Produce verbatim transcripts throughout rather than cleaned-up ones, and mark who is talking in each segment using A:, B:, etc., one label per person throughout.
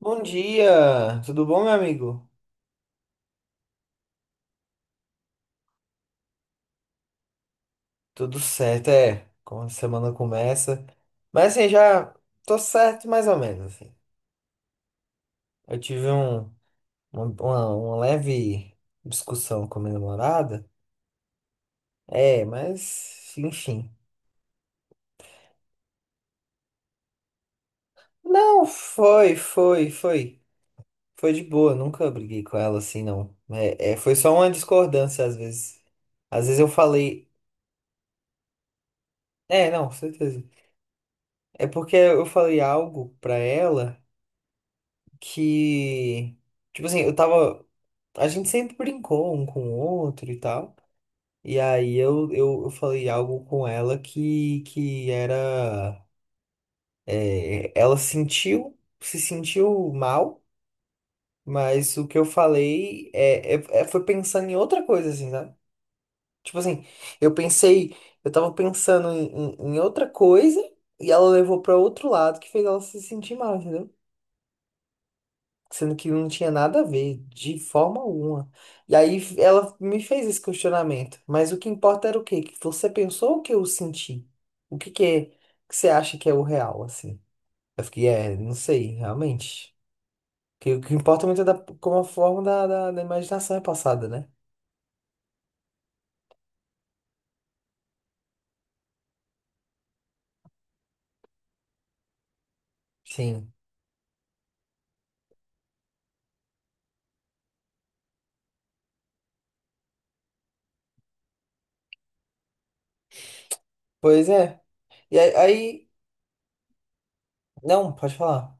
A: Bom dia, tudo bom, meu amigo? Tudo certo, é. Como a semana começa. Mas assim, já tô certo mais ou menos, assim. Eu tive um, uma, uma- uma leve discussão com a minha namorada. É, mas enfim. Não, foi, foi, foi. Foi de boa, nunca briguei com ela assim, não. É, é, foi só uma discordância às vezes. Às vezes eu falei. É, não, certeza. É porque eu falei algo pra ela, que, tipo assim, eu tava, a gente sempre brincou um com o outro e tal. E aí eu, eu, eu falei algo com ela que, que era, é, ela sentiu, se sentiu mal, mas o que eu falei é, é, é- foi pensando em outra coisa, assim, sabe? Tipo assim, eu pensei, eu tava pensando em, em, em outra coisa e ela levou pra outro lado que fez ela se sentir mal, entendeu? Sendo que não tinha nada a ver, de forma alguma. E aí ela me fez esse questionamento, mas o que importa era o quê? Que você pensou ou que eu senti? O que que é que você acha que é o real, assim? Eu fiquei, é, não sei, realmente. Que o que importa muito é da, como a forma da, da, da imaginação é passada, né? Sim. Pois é. E aí, aí- não, pode falar.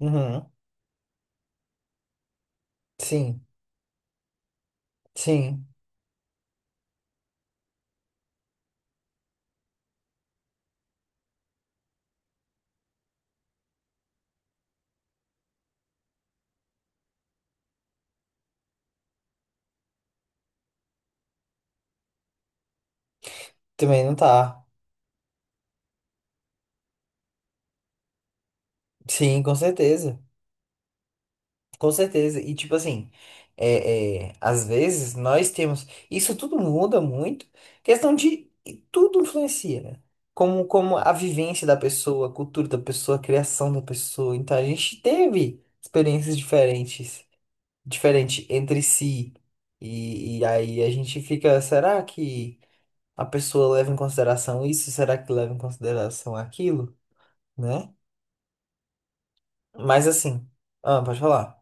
A: Uhum. Sim, sim. Também não tá. Sim, com certeza. Com certeza. E tipo assim, é, é, às vezes nós temos. Isso tudo muda muito. Questão de. Tudo influencia, né? Como, como a vivência da pessoa, a cultura da pessoa, a criação da pessoa. Então a gente teve experiências diferentes, diferente entre si. E, e aí a gente fica, será que a pessoa leva em consideração isso? Será que leva em consideração aquilo? Né? Mas assim, ah, pode falar.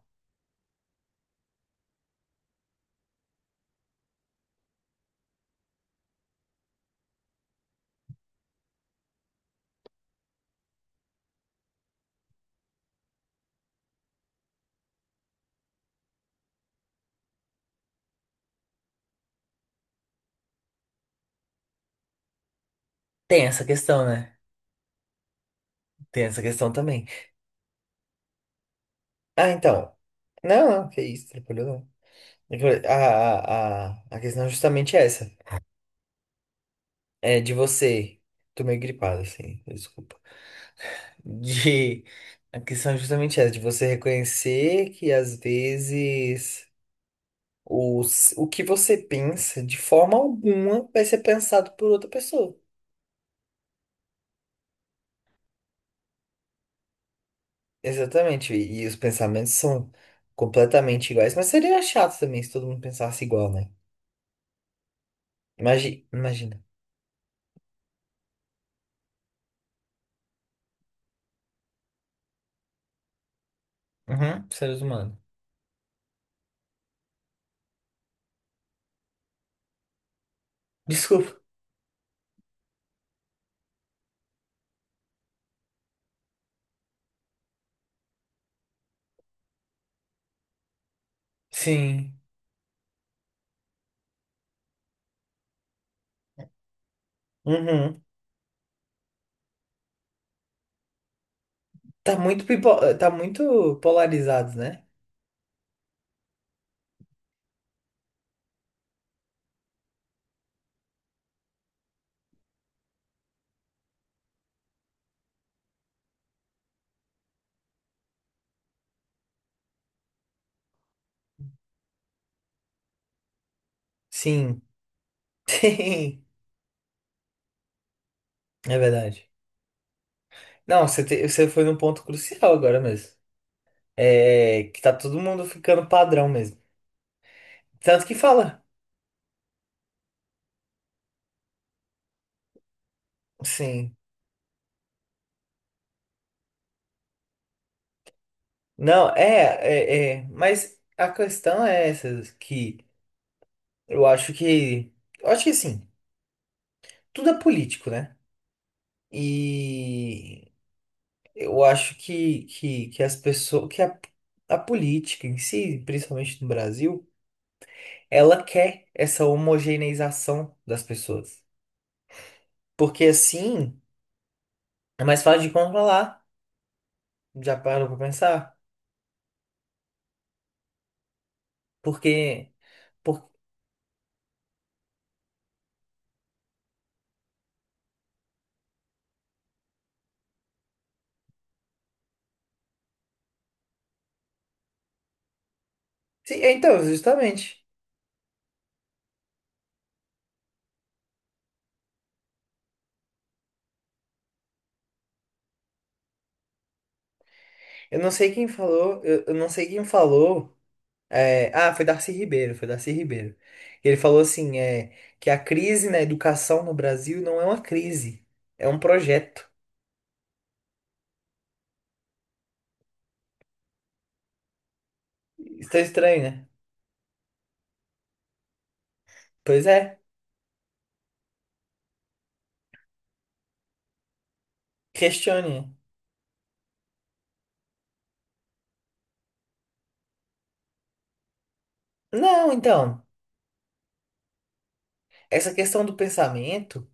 A: Tem essa questão, né? Tem essa questão também. Ah, então. Não, não, que isso, tranquilo não. É que A, a, a, a questão é justamente essa. É de você. Tô meio gripado, assim, desculpa. De. A questão é justamente essa, de você reconhecer que às vezes o, s- o que você pensa, de forma alguma, vai ser pensado por outra pessoa. Exatamente. E, e os pensamentos são completamente iguais. Mas seria chato também se todo mundo pensasse igual, né? Imagina. Imagina. Uhum, ser humano. Desculpa. Sim. Uhum. Tá muito pipo... tá muito polarizados, né? Sim. Sim. É verdade. Não, você, te- você foi num ponto crucial agora mesmo. É que tá todo mundo ficando padrão mesmo. Tanto que fala. Sim. Não, é, é, é. Mas a questão é essa, que eu acho que. Eu acho que assim, tudo é político, né? E eu acho que, que, que as pessoas. Que a, a política em si, principalmente no Brasil, ela quer essa homogeneização das pessoas. Porque assim é mais fácil de controlar. Já parou pra pensar? Porque, por... Sim, é, então, justamente. Eu não sei quem falou, eu, eu não sei quem falou. é, Ah, foi Darcy Ribeiro, foi Darcy Ribeiro. Ele falou assim, é, que a crise na educação no Brasil não é uma crise, é um projeto. Está estranho, né? Pois é, questione. Não, então, essa questão do pensamento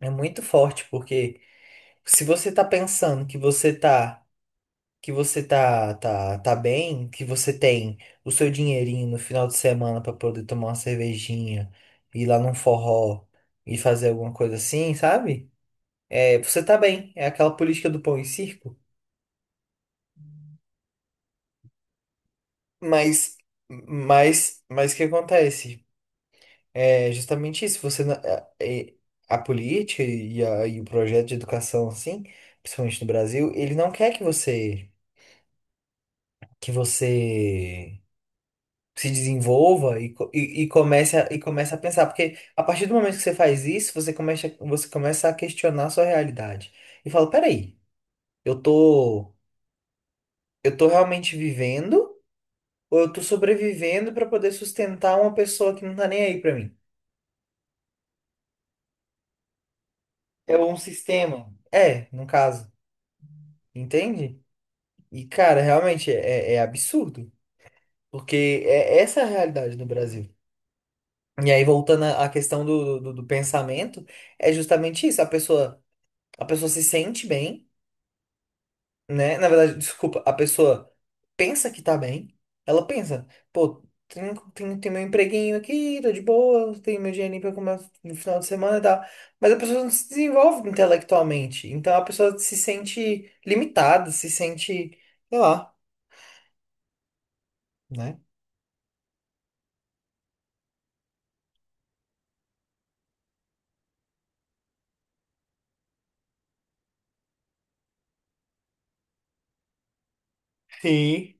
A: é muito forte, porque se você tá pensando que você tá que você tá tá tá bem, que você tem o seu dinheirinho no final de semana pra poder tomar uma cervejinha, ir lá num forró e fazer alguma coisa assim, sabe? É, você tá bem, é aquela política do pão e circo, mas mas mas o que acontece? É justamente isso, você não- é- é- a política e, a- e o projeto de educação assim, principalmente no Brasil, ele não quer que você que você se desenvolva e, co- e, e comece a, e comece a pensar. Porque a partir do momento que você faz isso, você começa, você começa a questionar a sua realidade. E fala, peraí, eu tô, eu tô realmente vivendo ou eu tô sobrevivendo para poder sustentar uma pessoa que não tá nem aí para mim? É um sistema. É, no caso. Entende? E, cara, realmente é, é é absurdo. Porque é essa é a realidade no Brasil. E aí, voltando à à questão do, do do pensamento, é justamente isso. A pessoa. A pessoa se sente bem, né? Na verdade, desculpa, a pessoa pensa que tá bem, ela pensa, pô, tem, tem, tem meu empreguinho aqui, tô de boa, tenho meu dinheirinho pra comer no final de semana e tal. Mas a pessoa não se desenvolve intelectualmente, então a pessoa se sente limitada, se sente, sei lá, né? Sim.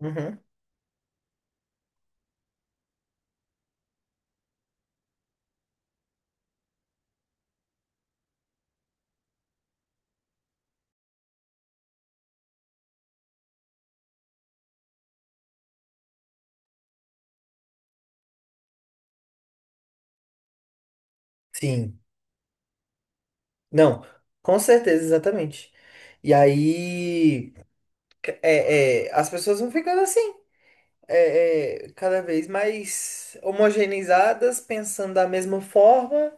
A: Uhum. Sim. Não, com certeza, exatamente. E aí, é, é, as pessoas vão ficando assim, é, é, cada vez mais homogeneizadas, pensando da mesma forma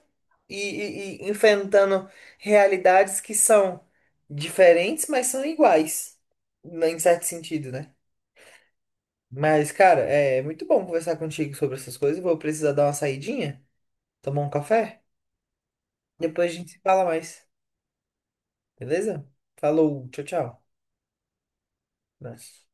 A: e, e- e enfrentando realidades que são diferentes, mas são iguais, né, em certo sentido, né? Mas, cara, é muito bom conversar contigo sobre essas coisas. Vou precisar dar uma saidinha, tomar um café. Depois a gente se fala mais, beleza? Falou, tchau, tchau. Abraço.